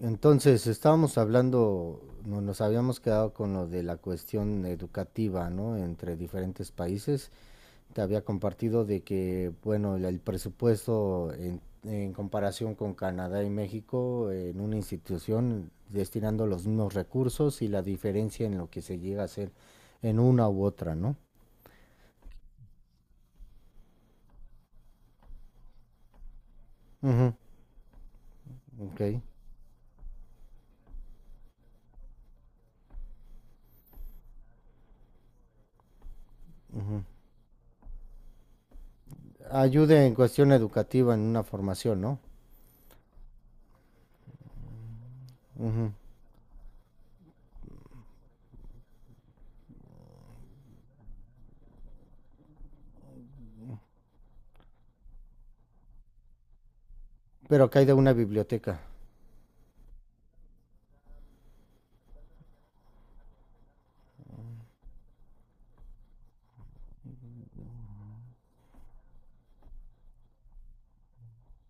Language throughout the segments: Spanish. Entonces, estábamos hablando, nos habíamos quedado con lo de la cuestión educativa, ¿no? Entre diferentes países. Te había compartido de que, bueno, el presupuesto en comparación con Canadá y México en una institución destinando los mismos recursos y la diferencia en lo que se llega a hacer en una u otra, ¿no? Ujú, ok. Ayuda en cuestión educativa en una formación, ¿no? Ujú. Pero cae de una biblioteca.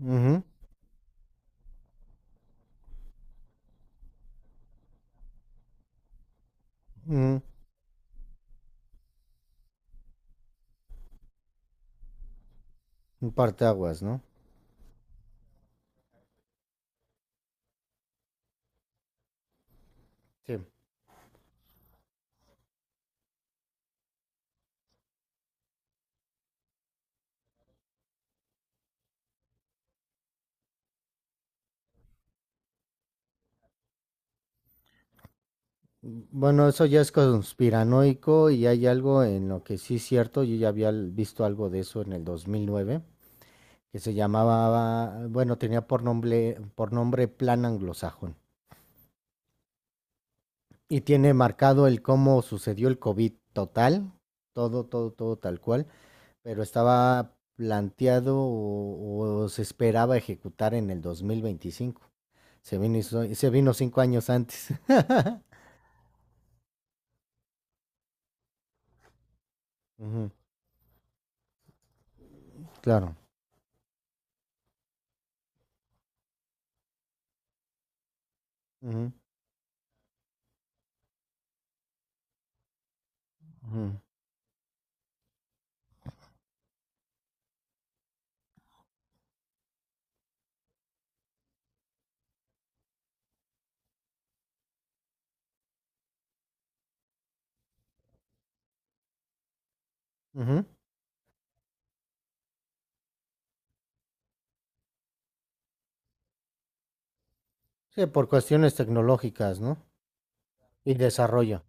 Ujú, ujú. Un parteaguas, ¿no? Sí. Bueno, eso ya es conspiranoico y hay algo en lo que sí es cierto. Yo ya había visto algo de eso en el 2009, que se llamaba, bueno, tenía por nombre Plan Anglosajón. Y tiene marcado el cómo sucedió el COVID total, todo, todo, todo tal cual, pero estaba planteado o se esperaba ejecutar en el 2025. Se vino, y se vino 5 años antes. Ujú, claro. Ujú, ujú. Ujú. Sí, por cuestiones tecnológicas, ¿no? Y desarrollo,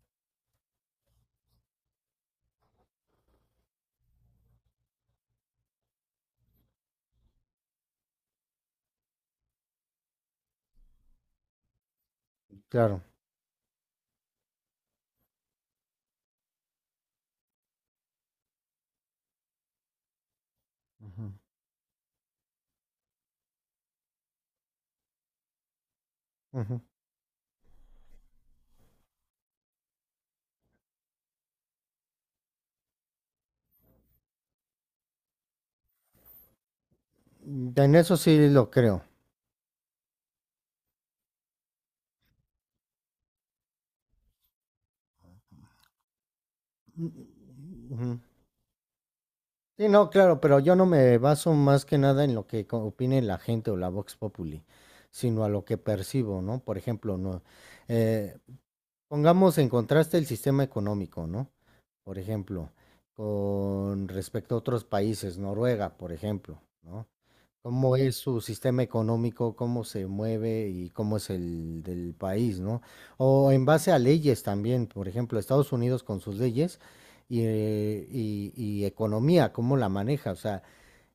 claro. Ujú, ujú. Mm, en eso sí lo creo. Mm, mm, ujú. Sí, no, claro, pero yo no me baso más que nada en lo que opine la gente o la Vox Populi, sino a lo que percibo, ¿no? Por ejemplo, no, eh, pongamos en contraste el sistema económico, ¿no? Por ejemplo, con respecto a otros países, Noruega, por ejemplo, ¿no? ¿Cómo es su sistema económico, cómo se mueve y cómo es el del país, ¿no? O en base a leyes también, por ejemplo, Estados Unidos con sus leyes y, y economía, cómo la maneja, o sea,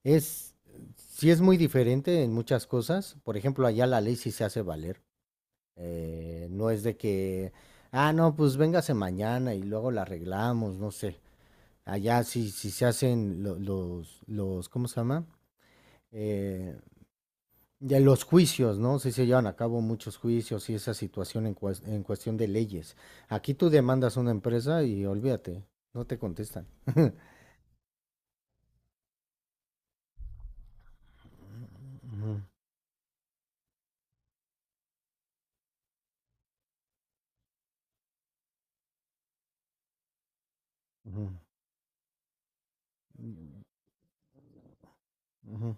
es, sí es muy diferente en muchas cosas, por ejemplo, allá la ley sí se hace valer. No es de que, ah, no, pues véngase mañana y luego la arreglamos, no sé. Allá sí, sí se hacen los, ¿cómo se llama? Eh, de los juicios, ¿no? Sí se llevan a cabo muchos juicios y esa situación en, en cuestión de leyes. Aquí tú demandas a una empresa y olvídate, no te contestan. Ujú, ujú, ujú.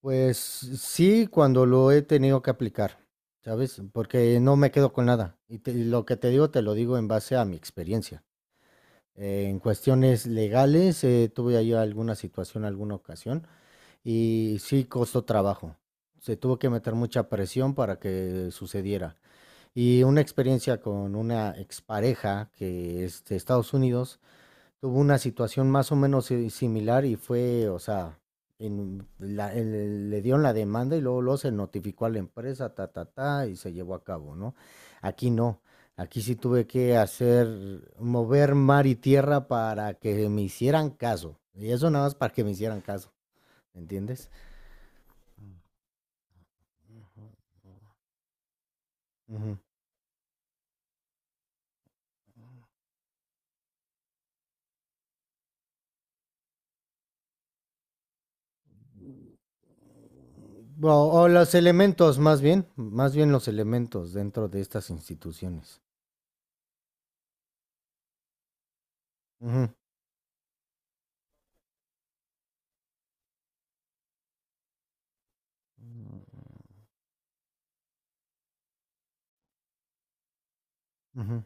Pues sí, cuando lo he tenido que aplicar, ¿sabes? Porque no me quedo con nada. Y, y lo que te digo, te lo digo en base a mi experiencia. En cuestiones legales, tuve ahí alguna situación, alguna ocasión, y sí costó trabajo. Se tuvo que meter mucha presión para que sucediera. Y una experiencia con una expareja que es de Estados Unidos tuvo una situación más o menos similar y fue, o sea, en le dieron la demanda y luego, luego se notificó a la empresa, ta, ta, ta, y se llevó a cabo, ¿no? Aquí no. Aquí sí tuve que hacer, mover mar y tierra para que me hicieran caso. Y eso nada más para que me hicieran caso, ¿entiendes? Ujú. O los elementos, más bien los elementos dentro de estas instituciones. Ujú, ujú,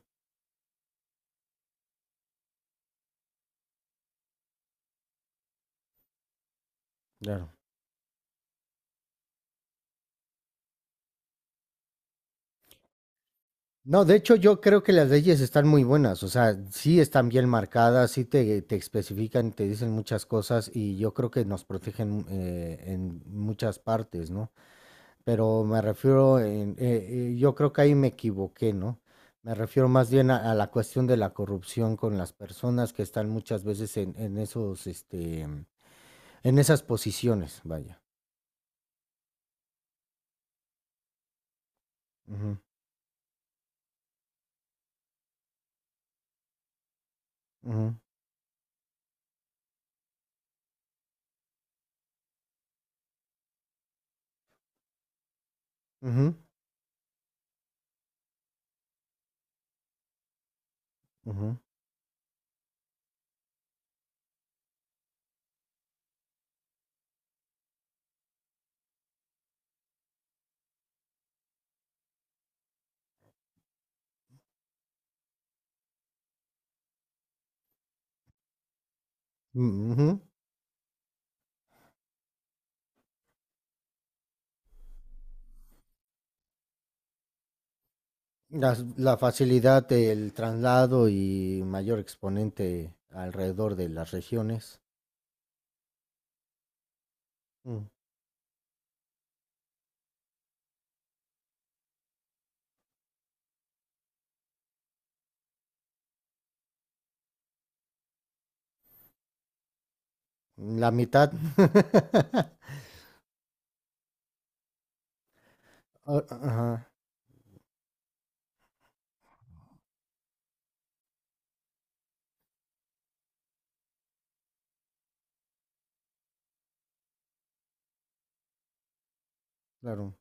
claro. No, de hecho yo creo que las leyes están muy buenas, o sea, sí están bien marcadas, sí te especifican, te dicen muchas cosas y yo creo que nos protegen en muchas partes, ¿no? Pero me refiero, yo creo que ahí me equivoqué, ¿no? Me refiero más bien a la cuestión de la corrupción con las personas que están muchas veces en esos, este, en esas posiciones, vaya. Ujú, ujú, ujú, ujú, mm, ujú. Las la facilidad del traslado y mayor exponente alrededor de las regiones. Mm, la mitad. Ah, ajá, claro,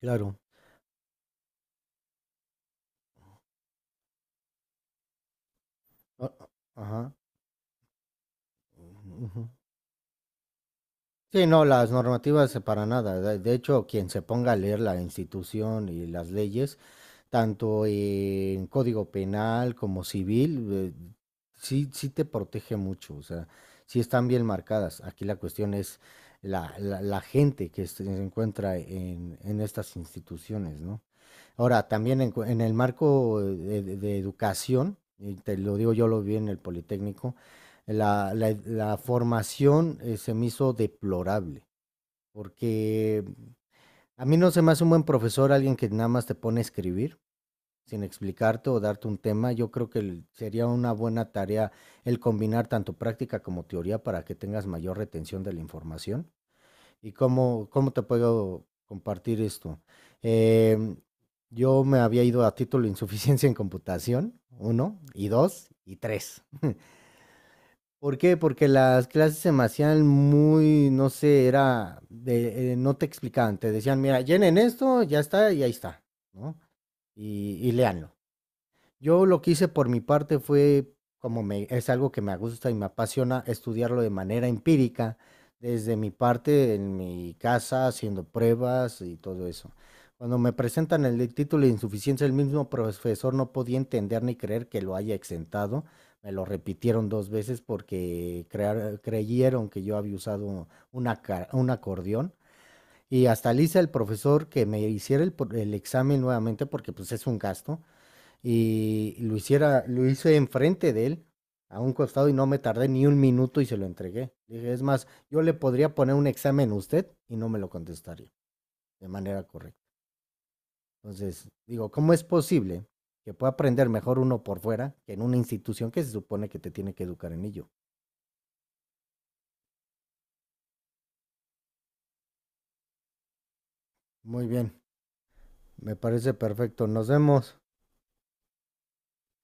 claro. Ah, ah, ajá. Ujú. Sí, no, las normativas para nada. De hecho, quien se ponga a leer la institución y las leyes, tanto en código penal como civil, sí, sí te protege mucho, o sea, sí están bien marcadas. Aquí la cuestión es la, la, la gente que se encuentra en estas instituciones, ¿no? Ahora, también en, en el marco de, de educación, y te lo digo, yo lo vi en el Politécnico, la, la formación se me hizo deplorable, porque a mí no se me hace un buen profesor alguien que nada más te pone a escribir sin explicarte o darte un tema, yo creo que sería una buena tarea el combinar tanto práctica como teoría para que tengas mayor retención de la información. ¿Y cómo, cómo te puedo compartir esto? Em, yo me había ido a título de insuficiencia en computación, uno, y dos, y tres. ¿Por qué? Porque las clases se me hacían muy, no sé, era, de, no te explicaban, te decían, mira, llenen esto, ya está, y ahí está, ¿no? Y léanlo. Yo lo que hice por mi parte fue, como me, es algo que me gusta y me apasiona, estudiarlo de manera empírica, desde mi parte, en mi casa, haciendo pruebas y todo eso. Cuando me presentan el título de insuficiencia, el mismo profesor no podía entender ni creer que lo haya exentado. Me lo repitieron 2 veces porque creyeron que yo había usado una, un acordeón. Y hasta le hice al profesor que me hiciera el, el examen nuevamente porque pues es un gasto y lo hiciera, lo hice enfrente de él, a un costado y no me tardé ni 1 minuto y se lo entregué. Dije, es más, yo le podría poner un examen a usted y no me lo contestaría de manera correcta. Entonces, digo, ¿cómo es posible que pueda aprender mejor uno por fuera que en una institución que se supone que te tiene que educar en ello? Muy bien, me parece perfecto. Nos vemos.